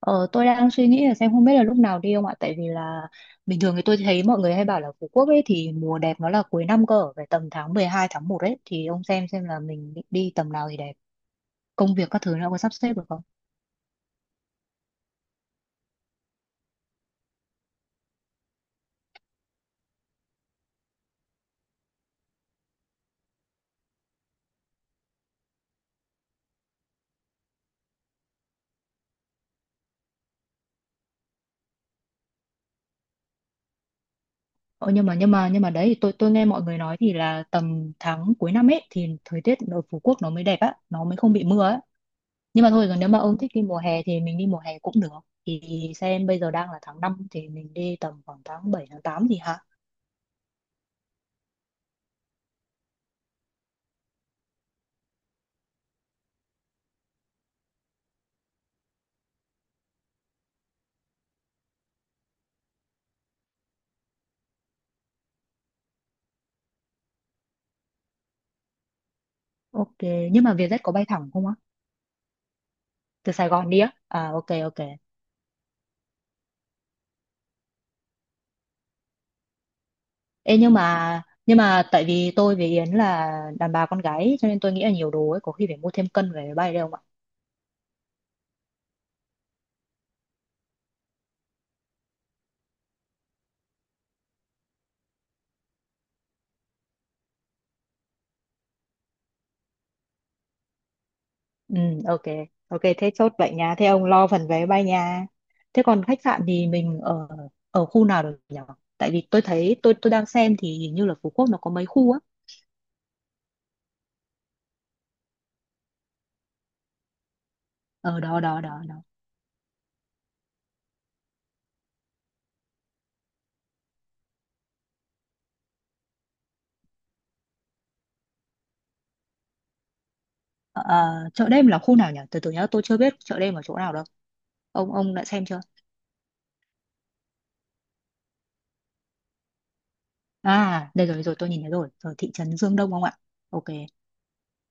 Ờ, tôi đang suy nghĩ là xem không biết là lúc nào đi không ạ, tại vì là bình thường thì tôi thấy mọi người hay bảo là Phú Quốc ấy thì mùa đẹp nó là cuối năm cơ, phải tầm tháng 12 tháng 1 ấy, thì ông xem là mình định đi tầm nào thì đẹp, công việc các thứ nó có sắp xếp được không. Nhưng mà đấy thì tôi nghe mọi người nói thì là tầm tháng cuối năm ấy thì thời tiết ở Phú Quốc nó mới đẹp á, nó mới không bị mưa á. Nhưng mà thôi, còn nếu mà ông thích đi mùa hè thì mình đi mùa hè cũng được. Thì xem bây giờ đang là tháng 5 thì mình đi tầm khoảng tháng 7 tháng 8 gì hả? Ok, nhưng mà Vietjet có bay thẳng không ạ? Từ Sài Gòn đi á. À, ok, ok. Ê, nhưng mà tại vì tôi với Yến là đàn bà con gái cho nên tôi nghĩ là nhiều đồ ấy có khi phải mua thêm cân về máy bay đấy không ạ. Ừ, ok. Ok, thế chốt vậy nha. Thế ông lo phần vé máy bay nha. Thế còn khách sạn thì mình ở ở khu nào được nhỉ, tại vì tôi thấy tôi đang xem thì hình như là Phú Quốc nó có mấy khu á. Ở đó đó đó đó. Ờ, ờ, chợ đêm là khu nào nhỉ, từ từ nhá, tôi chưa biết chợ đêm ở chỗ nào đâu, ông đã xem chưa. À đây rồi rồi, tôi nhìn thấy rồi, ở thị trấn Dương Đông không ạ? Ok.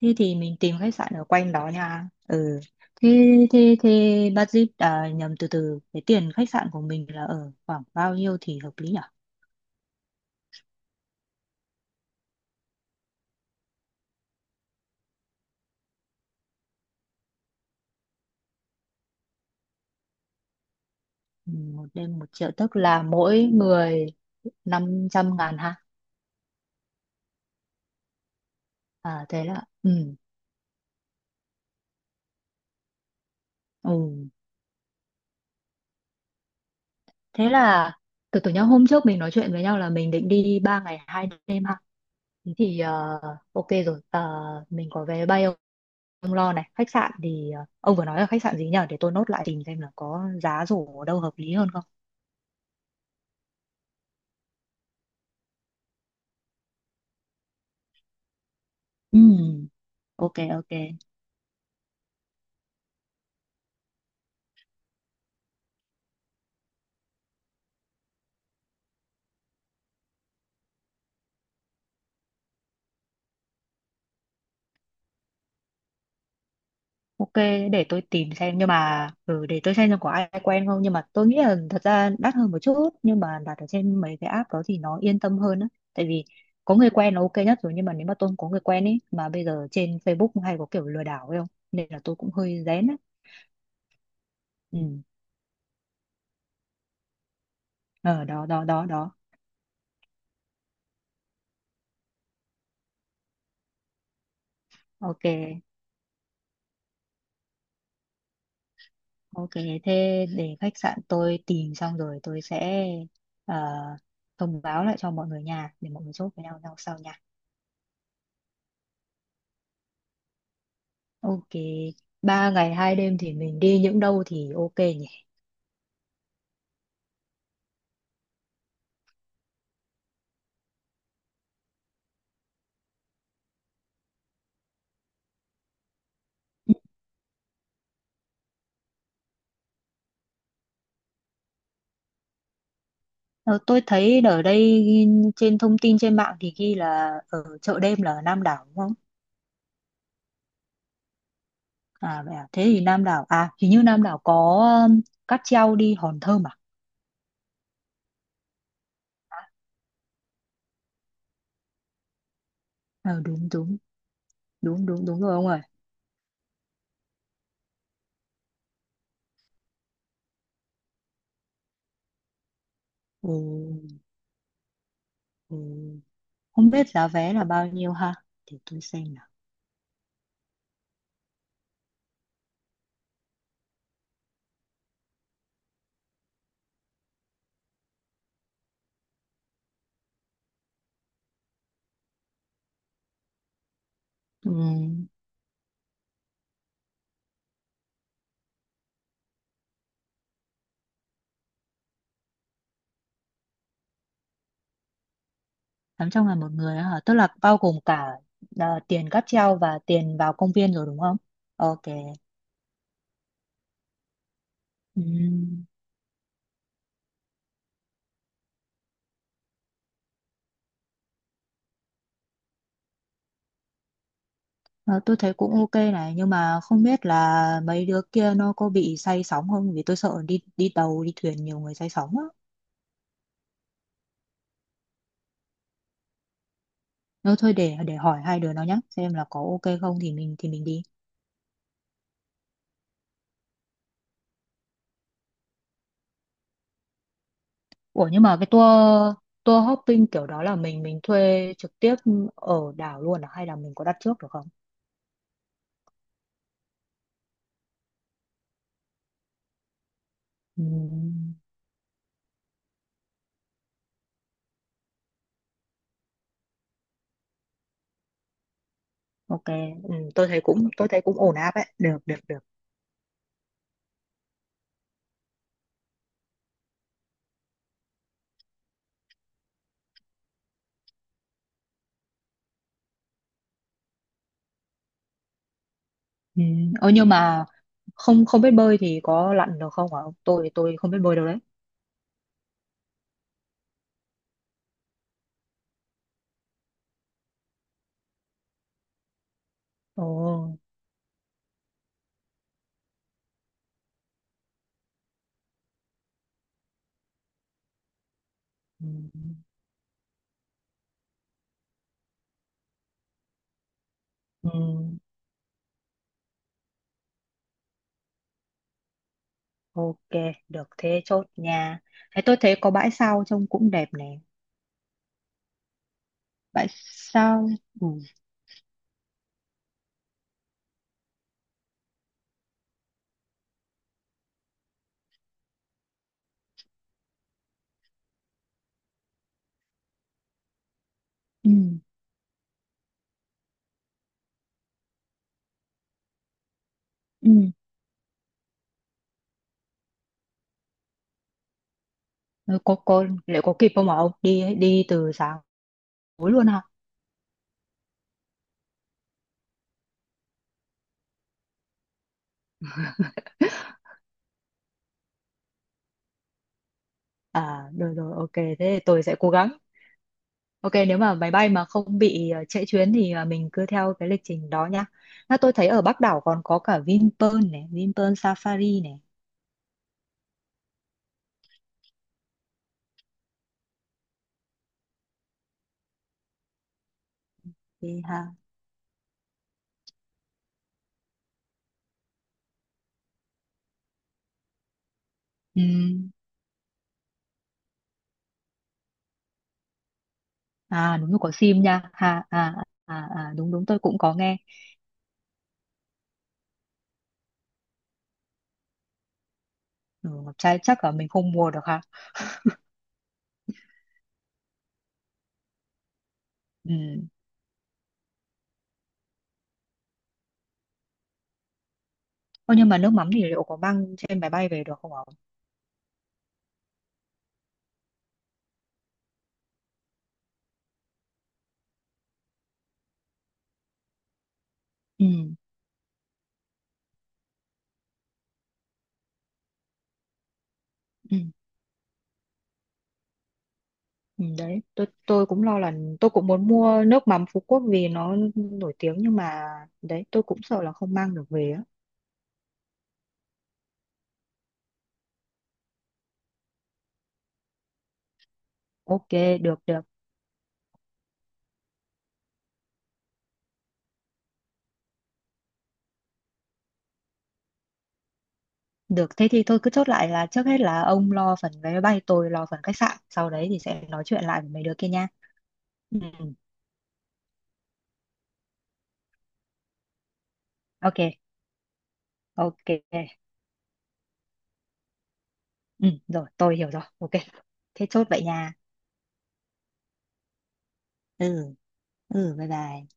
Thế thì mình tìm khách sạn ở quanh đó nha. Ừ. Thế thế thế budget, à nhầm, từ từ, cái tiền khách sạn của mình là ở khoảng bao nhiêu thì hợp lý nhỉ? Ừ, 1 đêm 1 triệu tức là mỗi người 500 ngàn ha. À thế là ừ. Ừ. Thế là từ từ nhá, hôm trước mình nói chuyện với nhau là mình định đi 3 ngày 2 đêm. Thế thì ok rồi. Ờ, mình có vé bay không? Ông lo này, khách sạn thì ông vừa nói là khách sạn gì nhỉ, để tôi nốt lại tìm xem là có giá rổ ở đâu hợp lý hơn không. Ừ. Ok, ok, ok. Để tôi tìm xem, nhưng mà để tôi xem có ai quen không, nhưng mà tôi nghĩ là thật ra đắt hơn một chút nhưng mà đặt ở trên mấy cái app đó thì nó yên tâm hơn á. Tại vì có người quen là ok nhất rồi, nhưng mà nếu mà tôi không có người quen ấy mà bây giờ trên Facebook hay có kiểu lừa đảo ấy không, nên là tôi cũng hơi rén á. Ừ. Ờ đó đó đó đó. Ok. Ok, thế để khách sạn tôi tìm xong rồi tôi sẽ ờ, thông báo lại cho mọi người nhà để mọi người chốt với nhau nhau sau nha. Ok, 3 ngày 2 đêm thì mình đi những đâu thì ok nhỉ? Ờ, tôi thấy ở đây ghi- trên thông tin trên mạng thì ghi là ở chợ đêm là ở Nam Đảo đúng không? À, vậy à? Thế thì Nam Đảo, à hình như Nam Đảo có um, cáp treo đi Hòn Thơm à? Ờ, đúng đúng, đúng đúng đúng rồi ông ơi. Ừ, ừ. Không biết giá vé là bao nhiêu ha? Để tôi xem nào. Ừ, 800 ngàn một người á hả? Tức là bao gồm cả, à, tiền cáp treo và tiền vào công viên rồi đúng không? Ok. Ừ. Ờ, tôi thấy cũng ok này, nhưng mà không biết là mấy đứa kia nó có bị say sóng không, vì tôi sợ đi đi tàu đi thuyền nhiều người say sóng á. Nếu thôi để hỏi hai đứa nó nhá xem là có ok không thì mình thì mình đi. Ủa nhưng mà cái tour tour hopping kiểu đó là mình thuê trực tiếp ở đảo luôn à? Hay là mình có đặt trước được không? Ừm, ok. Tôi thấy cũng ổn áp ấy, được được được. Ừ. Ờ nhưng mà không không biết bơi thì có lặn được không hả? Tôi thì tôi không biết bơi đâu đấy. Ồ. Ừ. Ừ, ok, được, thế chốt nha. Thế tôi thấy có bãi sau trông cũng đẹp nè. Bãi sau. Ừ. Ừ. Ừ. Ừ, có, liệu có kịp không mà ông? Đi đi từ sáng tối luôn hả? À, rồi rồi, ok. Thế thì tôi sẽ cố gắng. Ok, nếu mà máy bay mà không bị trễ chuyến thì mình cứ theo cái lịch trình đó nhá. À, tôi thấy ở Bắc đảo còn có cả Vinpearl này, Vinpearl Safari này. Thì ha. Ừ. À đúng rồi, có sim nha. Ha, à, à, à, đúng đúng tôi cũng có nghe. Ừ, chắc là mình không mua được ha. Ừ. Ô, nhưng mà nước mắm thì liệu có mang trên máy bay về được không ạ? Ừ. Ừ. Ừ. Đấy, tôi cũng lo là tôi cũng muốn mua nước mắm Phú Quốc vì nó nổi tiếng, nhưng mà đấy tôi cũng sợ là không mang được về á. Ok, được được. Được, thế thì tôi cứ chốt lại là trước hết là ông lo phần vé máy bay, tôi lo phần khách sạn, sau đấy thì sẽ nói chuyện lại với mấy đứa kia nha. Ừ. Ok, ok. Ừ, rồi, tôi hiểu rồi. Ok. Thế chốt vậy nha. Ừ, ừ, bye bye.